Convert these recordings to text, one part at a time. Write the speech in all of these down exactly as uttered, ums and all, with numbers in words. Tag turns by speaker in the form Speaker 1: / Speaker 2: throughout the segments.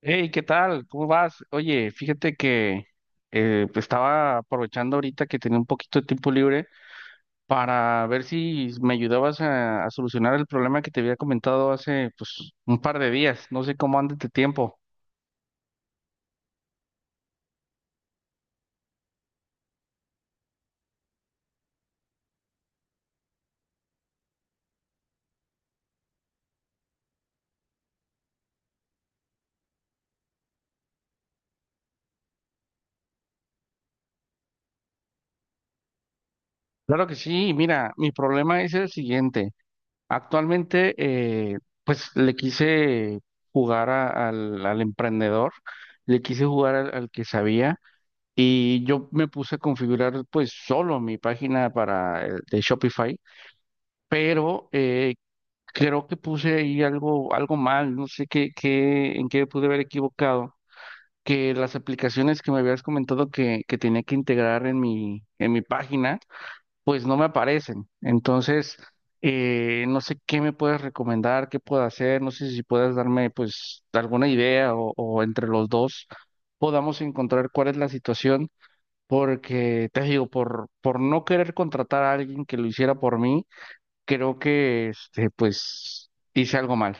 Speaker 1: Hey, ¿qué tal? ¿Cómo vas? Oye, fíjate que eh, pues estaba aprovechando ahorita que tenía un poquito de tiempo libre para ver si me ayudabas a, a solucionar el problema que te había comentado hace pues un par de días. No sé cómo anda tu tiempo. Claro que sí, mira, mi problema es el siguiente. Actualmente, eh, pues le quise jugar a- al, al emprendedor, le quise jugar al al que sabía. Y yo me puse a configurar pues solo mi página para el de Shopify, pero eh, creo que puse ahí algo, algo mal, no sé qué, qué, en qué pude haber equivocado, que las aplicaciones que me habías comentado que, que tenía que integrar en mi, en mi página, pues no me aparecen. Entonces, eh, no sé qué me puedes recomendar, qué puedo hacer, no sé si puedes darme pues alguna idea o o entre los dos podamos encontrar cuál es la situación porque te digo, por, por no querer contratar a alguien que lo hiciera por mí, creo que este, pues hice algo mal.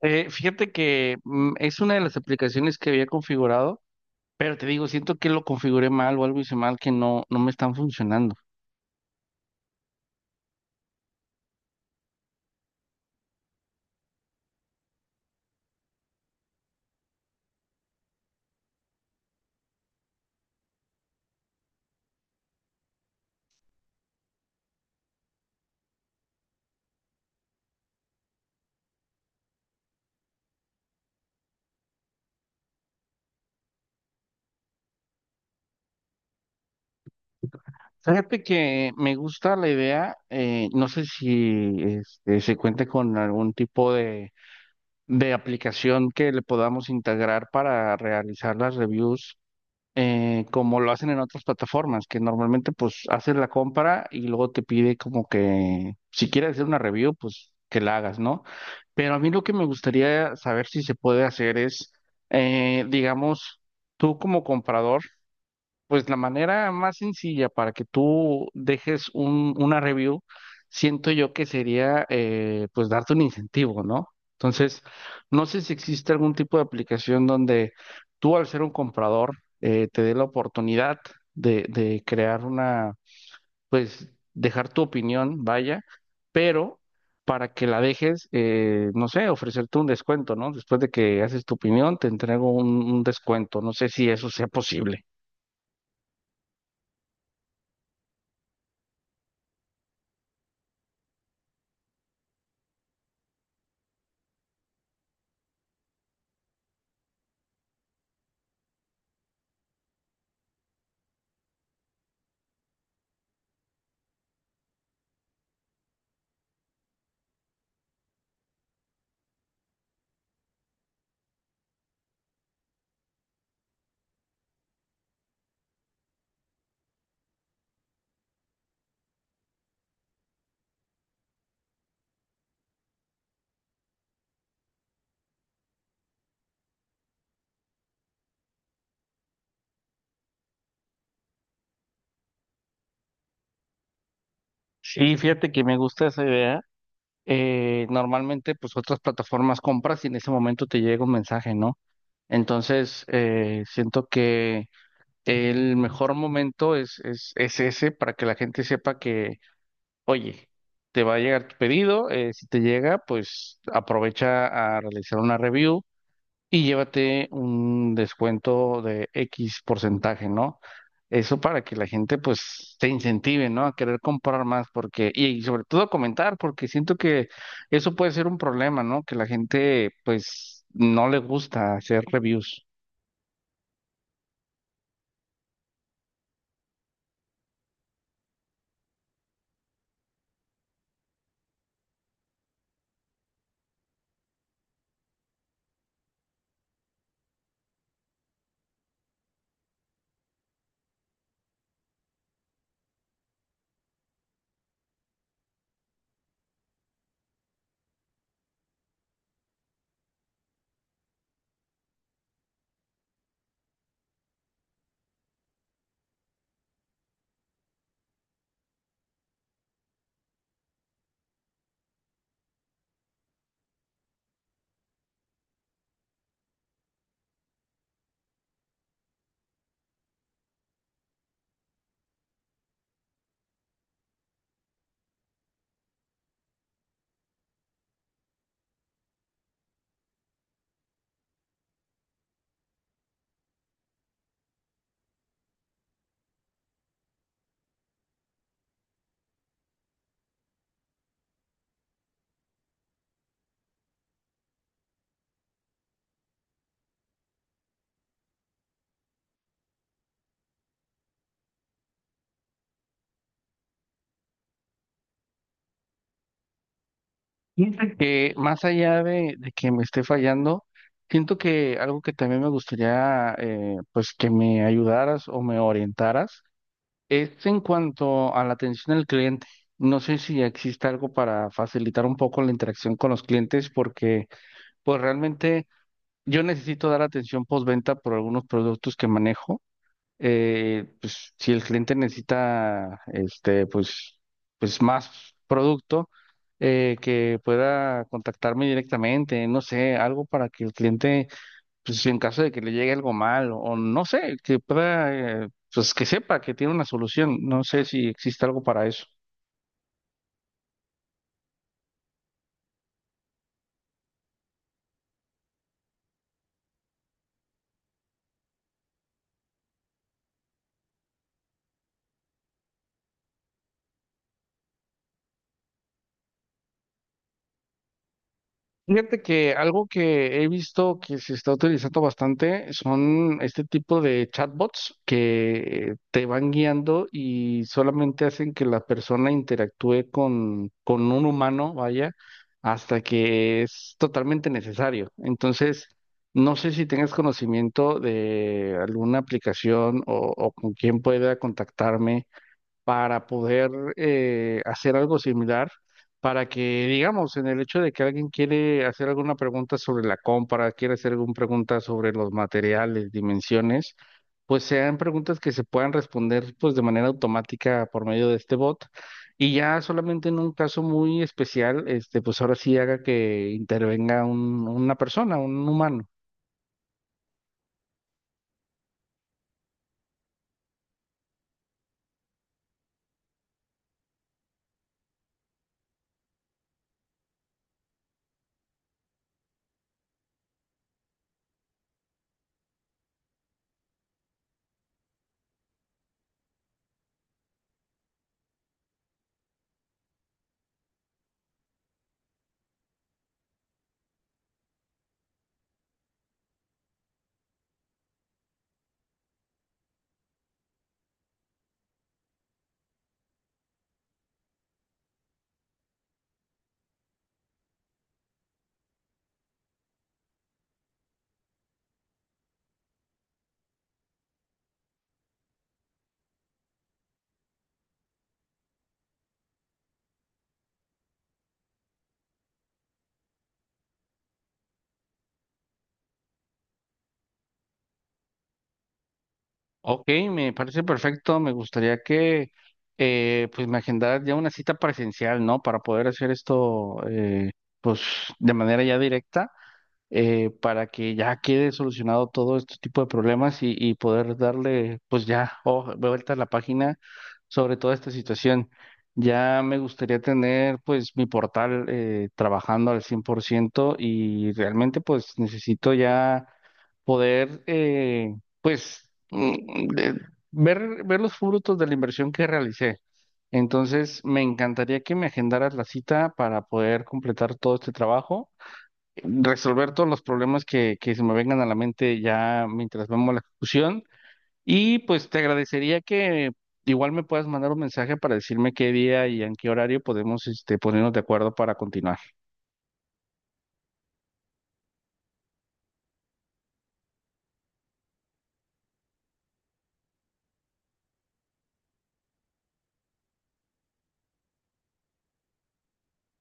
Speaker 1: Eh, fíjate que mm, es una de las aplicaciones que había configurado, pero te digo, siento que lo configuré mal o algo hice mal que no, no me están funcionando. Fíjate que me gusta la idea, eh, no sé si este, se cuente con algún tipo de, de aplicación que le podamos integrar para realizar las reviews eh, como lo hacen en otras plataformas, que normalmente pues haces la compra y luego te pide como que si quieres hacer una review, pues que la hagas, ¿no? Pero a mí lo que me gustaría saber si se puede hacer es, eh, digamos, tú como comprador, pues la manera más sencilla para que tú dejes un, una review, siento yo que sería eh, pues darte un incentivo, ¿no? Entonces, no sé si existe algún tipo de aplicación donde tú al ser un comprador eh, te dé la oportunidad de, de crear una, pues dejar tu opinión, vaya, pero para que la dejes, eh, no sé, ofrecerte un descuento, ¿no? Después de que haces tu opinión, te entrego un un descuento. No sé si eso sea posible. Sí, fíjate que me gusta esa idea. Eh, normalmente, pues otras plataformas compras y en ese momento te llega un mensaje, ¿no? Entonces, eh, siento que el mejor momento es, es, es ese para que la gente sepa que, oye, te va a llegar tu pedido, eh, si te llega, pues aprovecha a realizar una review y llévate un descuento de X porcentaje, ¿no? Eso para que la gente pues se incentive, ¿no? A querer comprar más porque, y, y sobre todo comentar, porque siento que eso puede ser un problema, ¿no? Que la gente pues no le gusta hacer reviews. Fíjate que más allá de, de que me esté fallando, siento que algo que también me gustaría eh, pues que me ayudaras o me orientaras es en cuanto a la atención al cliente. No sé si existe algo para facilitar un poco la interacción con los clientes, porque pues realmente yo necesito dar atención postventa por algunos productos que manejo. Eh, pues si el cliente necesita este, pues, pues más producto, eh, que pueda contactarme directamente, no sé, algo para que el cliente pues en caso de que le llegue algo mal o no sé, que pueda, eh, pues que sepa que tiene una solución. No sé si existe algo para eso. Fíjate que algo que he visto que se está utilizando bastante son este tipo de chatbots que te van guiando y solamente hacen que la persona interactúe con, con un humano, vaya, hasta que es totalmente necesario. Entonces, no sé si tengas conocimiento de alguna aplicación o, o con quién pueda contactarme para poder eh, hacer algo similar, para que, digamos, en el hecho de que alguien quiere hacer alguna pregunta sobre la compra, quiere hacer alguna pregunta sobre los materiales, dimensiones, pues sean preguntas que se puedan responder pues de manera automática por medio de este bot. Y ya solamente en un caso muy especial, este, pues ahora sí haga que intervenga un- una persona, un humano. Ok, me parece perfecto. Me gustaría que eh, pues me agendaras ya una cita presencial, ¿no? Para poder hacer esto eh, pues de manera ya directa, eh, para que ya quede solucionado todo este tipo de problemas y, y poder darle pues ya oh, vuelta a la página sobre toda esta situación. Ya me gustaría tener pues mi portal eh, trabajando al cien por ciento y realmente pues necesito ya poder, eh, pues, mm, de- ver, ver los frutos de la inversión que realicé. Entonces, me encantaría que me agendaras la cita para poder completar todo este trabajo, resolver todos los problemas que, que se me vengan a la mente ya mientras vemos la ejecución. Y pues te agradecería que igual me puedas mandar un mensaje para decirme qué día y en qué horario podemos este, ponernos de acuerdo para continuar.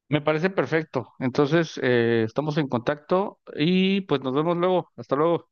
Speaker 1: Me parece perfecto. Entonces, eh, estamos en contacto y pues nos vemos luego. Hasta luego.